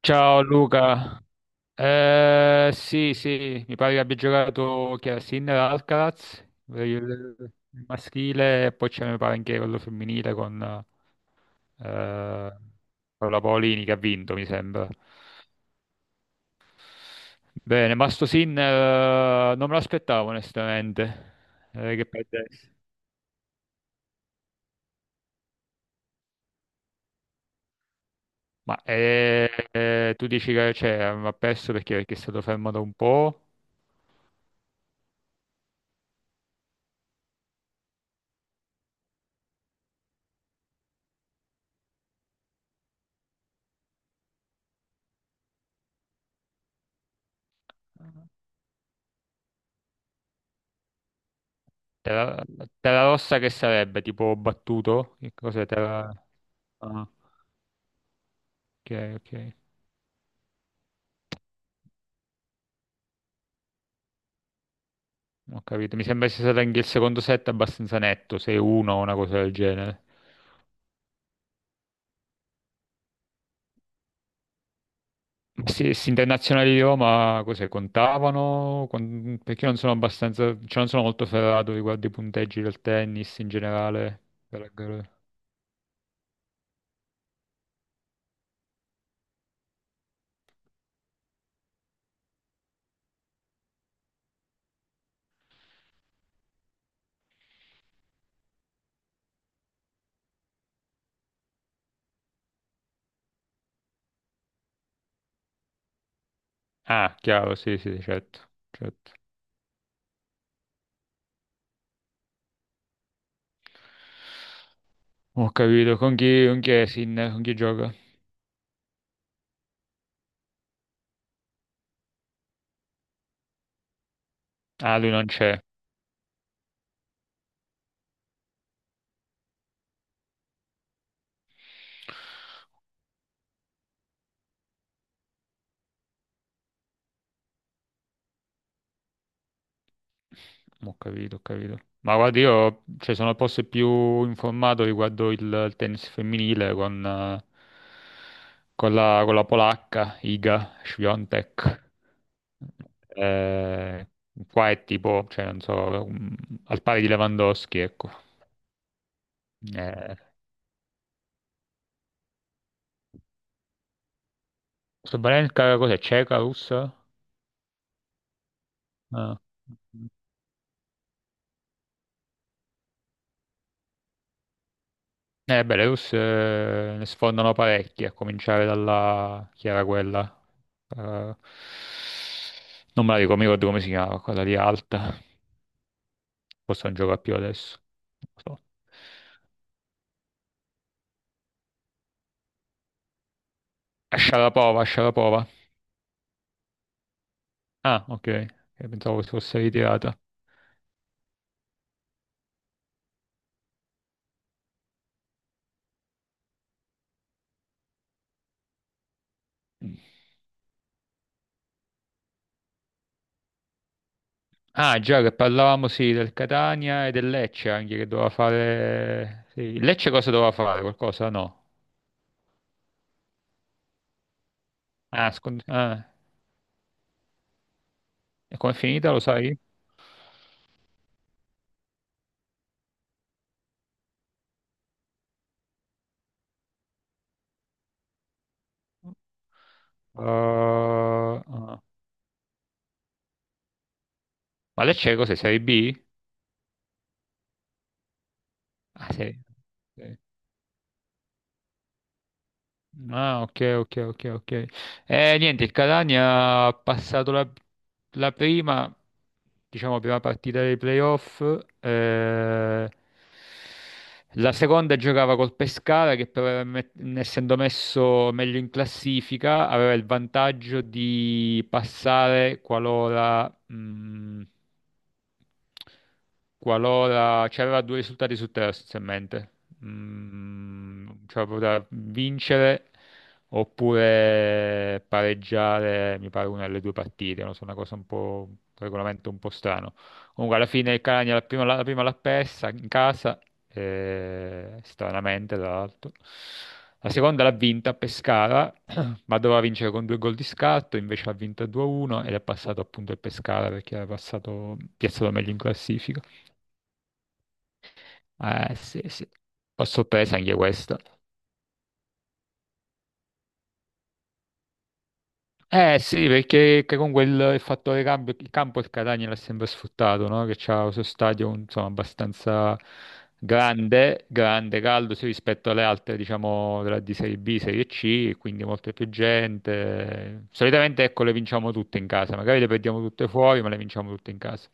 Ciao Luca. Sì sì, mi pare che abbia giocato, chi era? Sinner Alcaraz, il il maschile, e poi c'è, mi pare, anche quello femminile con eh, Paola Paolini, che ha vinto, mi sembra. Bene, ma sto Sinner, non me l'aspettavo onestamente, che perdesse. Ma tu dici che, cioè, ha perso, perché è stato fermato un po'? Terra, terra rossa, che sarebbe? Tipo battuto? Che cos'è terra? Ah, ok, ok. Ho capito. Mi sembra sia stato anche il secondo set abbastanza netto, 6-1, o una cosa del genere. Ma se internazionali di Roma, cos'è, contavano? Perché non sono abbastanza, cioè non sono molto ferrato riguardo i punteggi del tennis in generale. Per- Ah, chiaro, sì, sì, certo, certo. Ho capito. Con chi è Sinner? Con chi gioca? Ah, lui non c'è. Ho capito, ho capito. Ma guarda, io, cioè, sono forse più informato riguardo il tennis femminile con la polacca Iga Świątek. Eh, Qua è tipo, cioè, non so, al pari di Lewandowski, ecco. Eh, Sabalenka cos'è? Ceca, russa? Ah. Belarus, ne sfondano parecchi, a cominciare dalla, chi era quella? Eh, Non me la ricordo, mi ricordo come si chiamava, quella lì alta. Forse non gioca più adesso. Non lo so. A Sharapova, a Sharapova. Ah, ok. Pensavo si fosse ritirata. Ah, già che parlavamo, sì, del Catania e del Lecce anche, che doveva fare. Sì. Il Lecce cosa doveva fare? Qualcosa? No. Ah, e com'è finita, lo sai? Uh, Ma lei c'è, cos'è? Serie B? Ah, serie- ok, ok, ok, ok. Niente, il Catania ha passato la prima, diciamo, prima partita dei playoff. eh, la seconda giocava col Pescara, che però, essendo messo meglio in classifica, aveva il vantaggio di passare qualora, qualora c'aveva due risultati su tre, essenzialmente. Cioè poteva vincere oppure pareggiare, mi pare, una delle due partite. Non so, una cosa un po', un regolamento un po' strano. Comunque, alla fine il Catania la prima l'ha persa in casa, stranamente, tra l'altro. La seconda l'ha vinta a Pescara, ma doveva vincere con due gol di scatto, invece ha vinto 2-1 ed è passato appunto il Pescara, perché era passato piazzato meglio in classifica. Eh sì, sì, ho sorpresa anche questa. Eh sì, perché che comunque il fattore cambio, il campo il Catania l'ha sempre sfruttato, no? Che c'ha questo stadio, insomma, abbastanza grande, grande, caldo, sì, rispetto alle altre, diciamo, di Serie B, Serie C, quindi molta più gente. Solitamente, ecco, le vinciamo tutte in casa, magari le perdiamo tutte fuori, ma le vinciamo tutte in casa.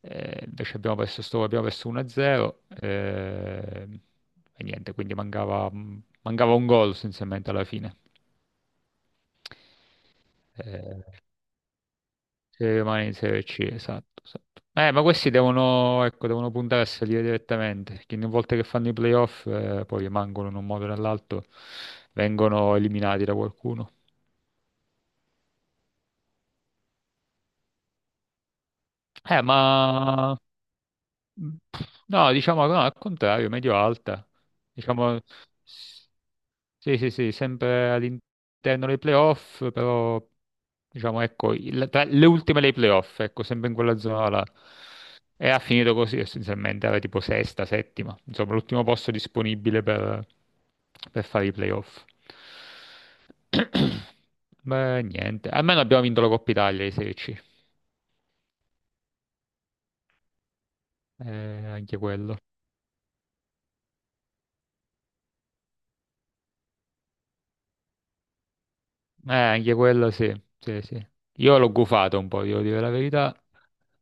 Invece abbiamo perso 1-0, e niente, quindi mancava un gol essenzialmente alla fine. Eh, Se rimane in Serie C, esatto, esatto. Ma questi devono, ecco, devono puntare a salire direttamente, perché ogni volta che fanno i playoff, poi rimangono in un modo o nell'altro, vengono eliminati da qualcuno. Eh, ma Mm, No, diciamo no, al contrario, medio alta. Diciamo, s- sì, sì, sì, sempre all'interno dei playoff, però diciamo, ecco, tra le ultime dei playoff, ecco, sempre in quella zona là. E ha finito così essenzialmente, era tipo sesta, settima, insomma, l'ultimo posto disponibile per fare i playoff. Beh, niente, almeno abbiamo vinto la Coppa Italia di Serie C. Eh, Anche quello. Anche quello, sì, sì, sì. Io l'ho gufato un po', devo dire la verità.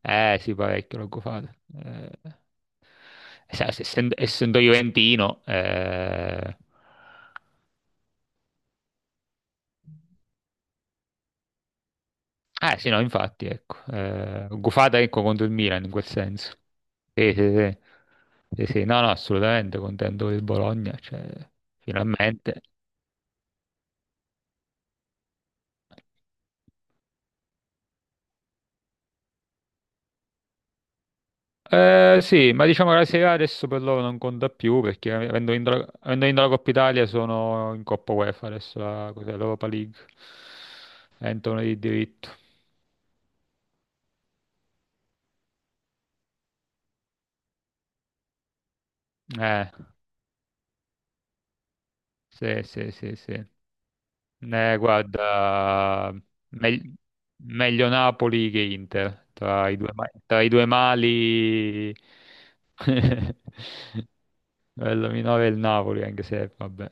Eh sì, parecchio l'ho gufato. Eh, sai, essendo juventino. Sì, no, infatti, ecco. L'ho gufata, ecco, contro il Milan in quel senso. Sì, sì, sì. Sì, sì, no, no, assolutamente contento del Bologna, cioè, finalmente. Eh sì, ma diciamo che la Serie A adesso per loro non conta più, perché avendo vinto la Coppa Italia, sono in Coppa UEFA adesso, la, cos'è, l'Europa League, entrano di diritto. Eh, sì, sì, sì, sì. Guarda, meg- meglio Napoli che Inter, tra i due, tra i due mali, bello minore è il Napoli, anche se, vabbè.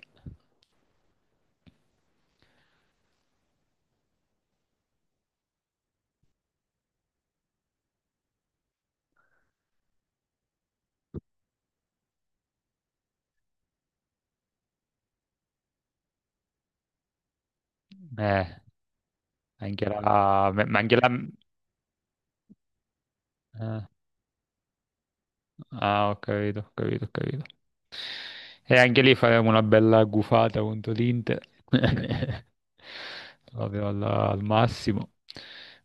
Eh, Anche la, ma anche la, eh. Ah, ho capito, ho capito, ho capito. E anche lì faremo una bella gufata contro l'Inter. Proprio al massimo.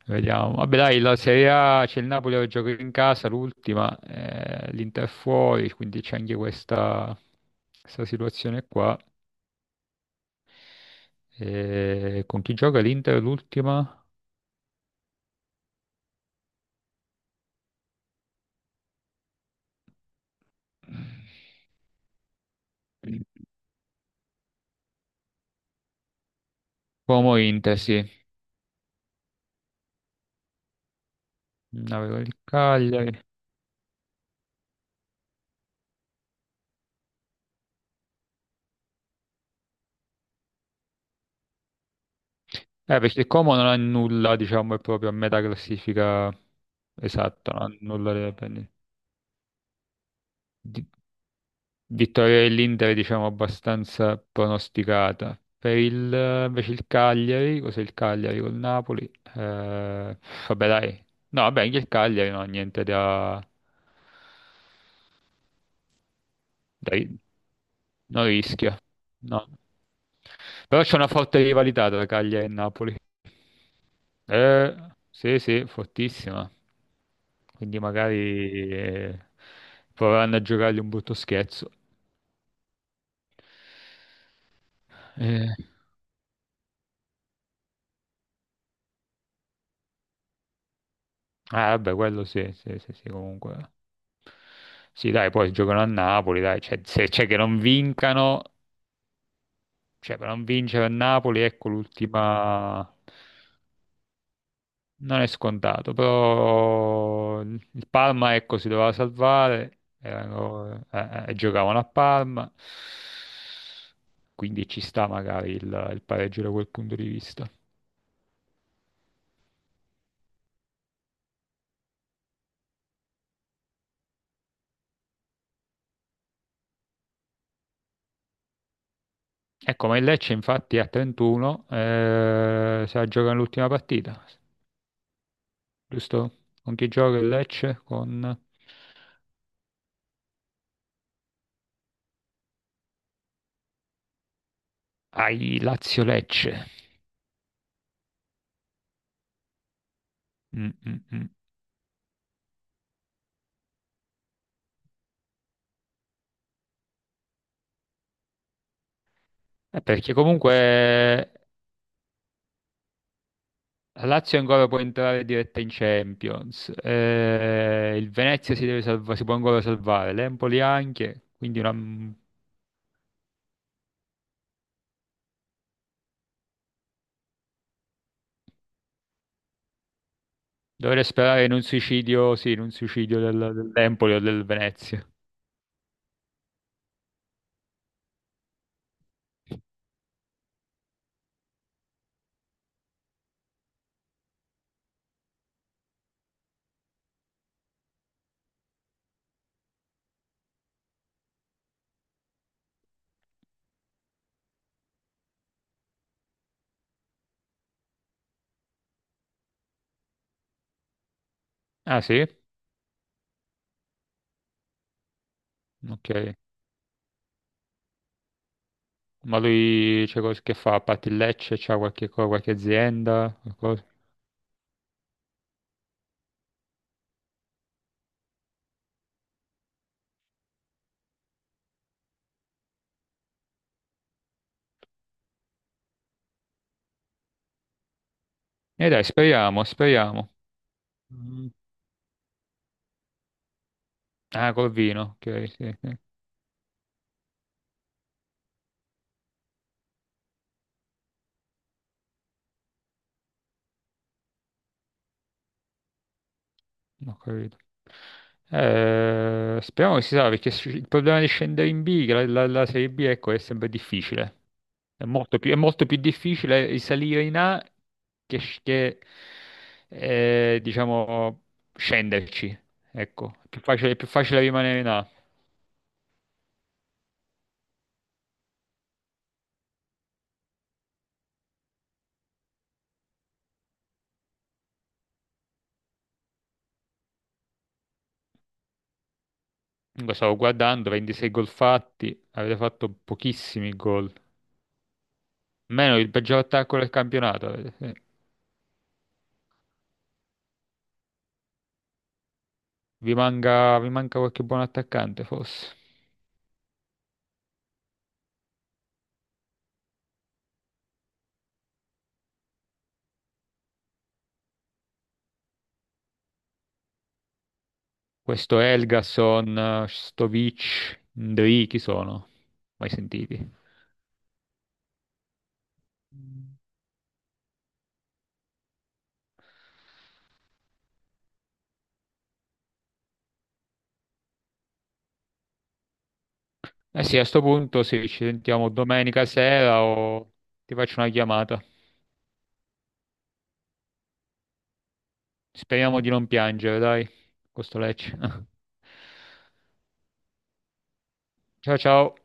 Vediamo. Vabbè, dai, la Serie A c'è il Napoli che gioca in casa, l'ultima, l'Inter fuori, quindi c'è anche questa situazione qua. E con chi gioca l'Inter l'ultima? Como Inter, sì. Avevo il Cagliari. Perché Como non ha nulla, diciamo, è proprio a metà classifica esatta, non ha nulla da prendere. Di- Vittoria dell'Inter, diciamo, abbastanza pronosticata. Invece il Cagliari, cos'è il Cagliari col Napoli? Eh, Vabbè, dai. No, vabbè, anche il Cagliari non ha niente da, da ri- non rischia. No. Però c'è una forte rivalità tra Cagliari e Napoli. Eh sì, sì, fortissima. Quindi magari proveranno a giocargli un brutto scherzo. Eh, Vabbè, quello sì, sì, sì, sì, comunque. Sì, dai, poi giocano a Napoli, dai, cioè, se c'è che non vincano, cioè per non vincere a Napoli, ecco l'ultima. Non è scontato, però il Parma, ecco, si doveva salvare, giocavano a Parma, quindi ci sta magari il pareggio da quel punto di vista. Ecco, ma il Lecce infatti a 31, si gioca l'ultima partita, giusto? Con chi gioca il Lecce? Con ai Lazio-Lecce. Mm, mm, mm. Perché comunque la Lazio ancora può entrare diretta in Champions, il Venezia si può ancora salvare, l'Empoli anche, quindi dovrei sperare in un suicidio, sì, in un suicidio dell'Empoli o del Venezia. Ah sì? Ok. Ma lui c'è, che fa? A parte il Lecce, c'ha qualche, qualche azienda? Qualcosa? E dai, speriamo, speriamo. Mm. Ah, col vino, ok, sì, sì. Ho capito. Speriamo che si sa, perché il problema di scendere in B, che la Serie B, ecco, è sempre difficile. È molto più difficile salire in A che, diciamo, scenderci. Ecco, è più facile rimanere in A. Comunque stavo guardando, 26 gol fatti, avete fatto pochissimi gol. Meno, il peggior attacco del campionato. Vi manca qualche buon attaccante, forse. Questo Helgason, Stovic, Ndri, chi sono? Mai sentiti? Eh sì, a sto punto sì, ci sentiamo domenica sera o ti faccio una chiamata. Speriamo di non piangere, dai, con sto Lecce. Ciao, ciao.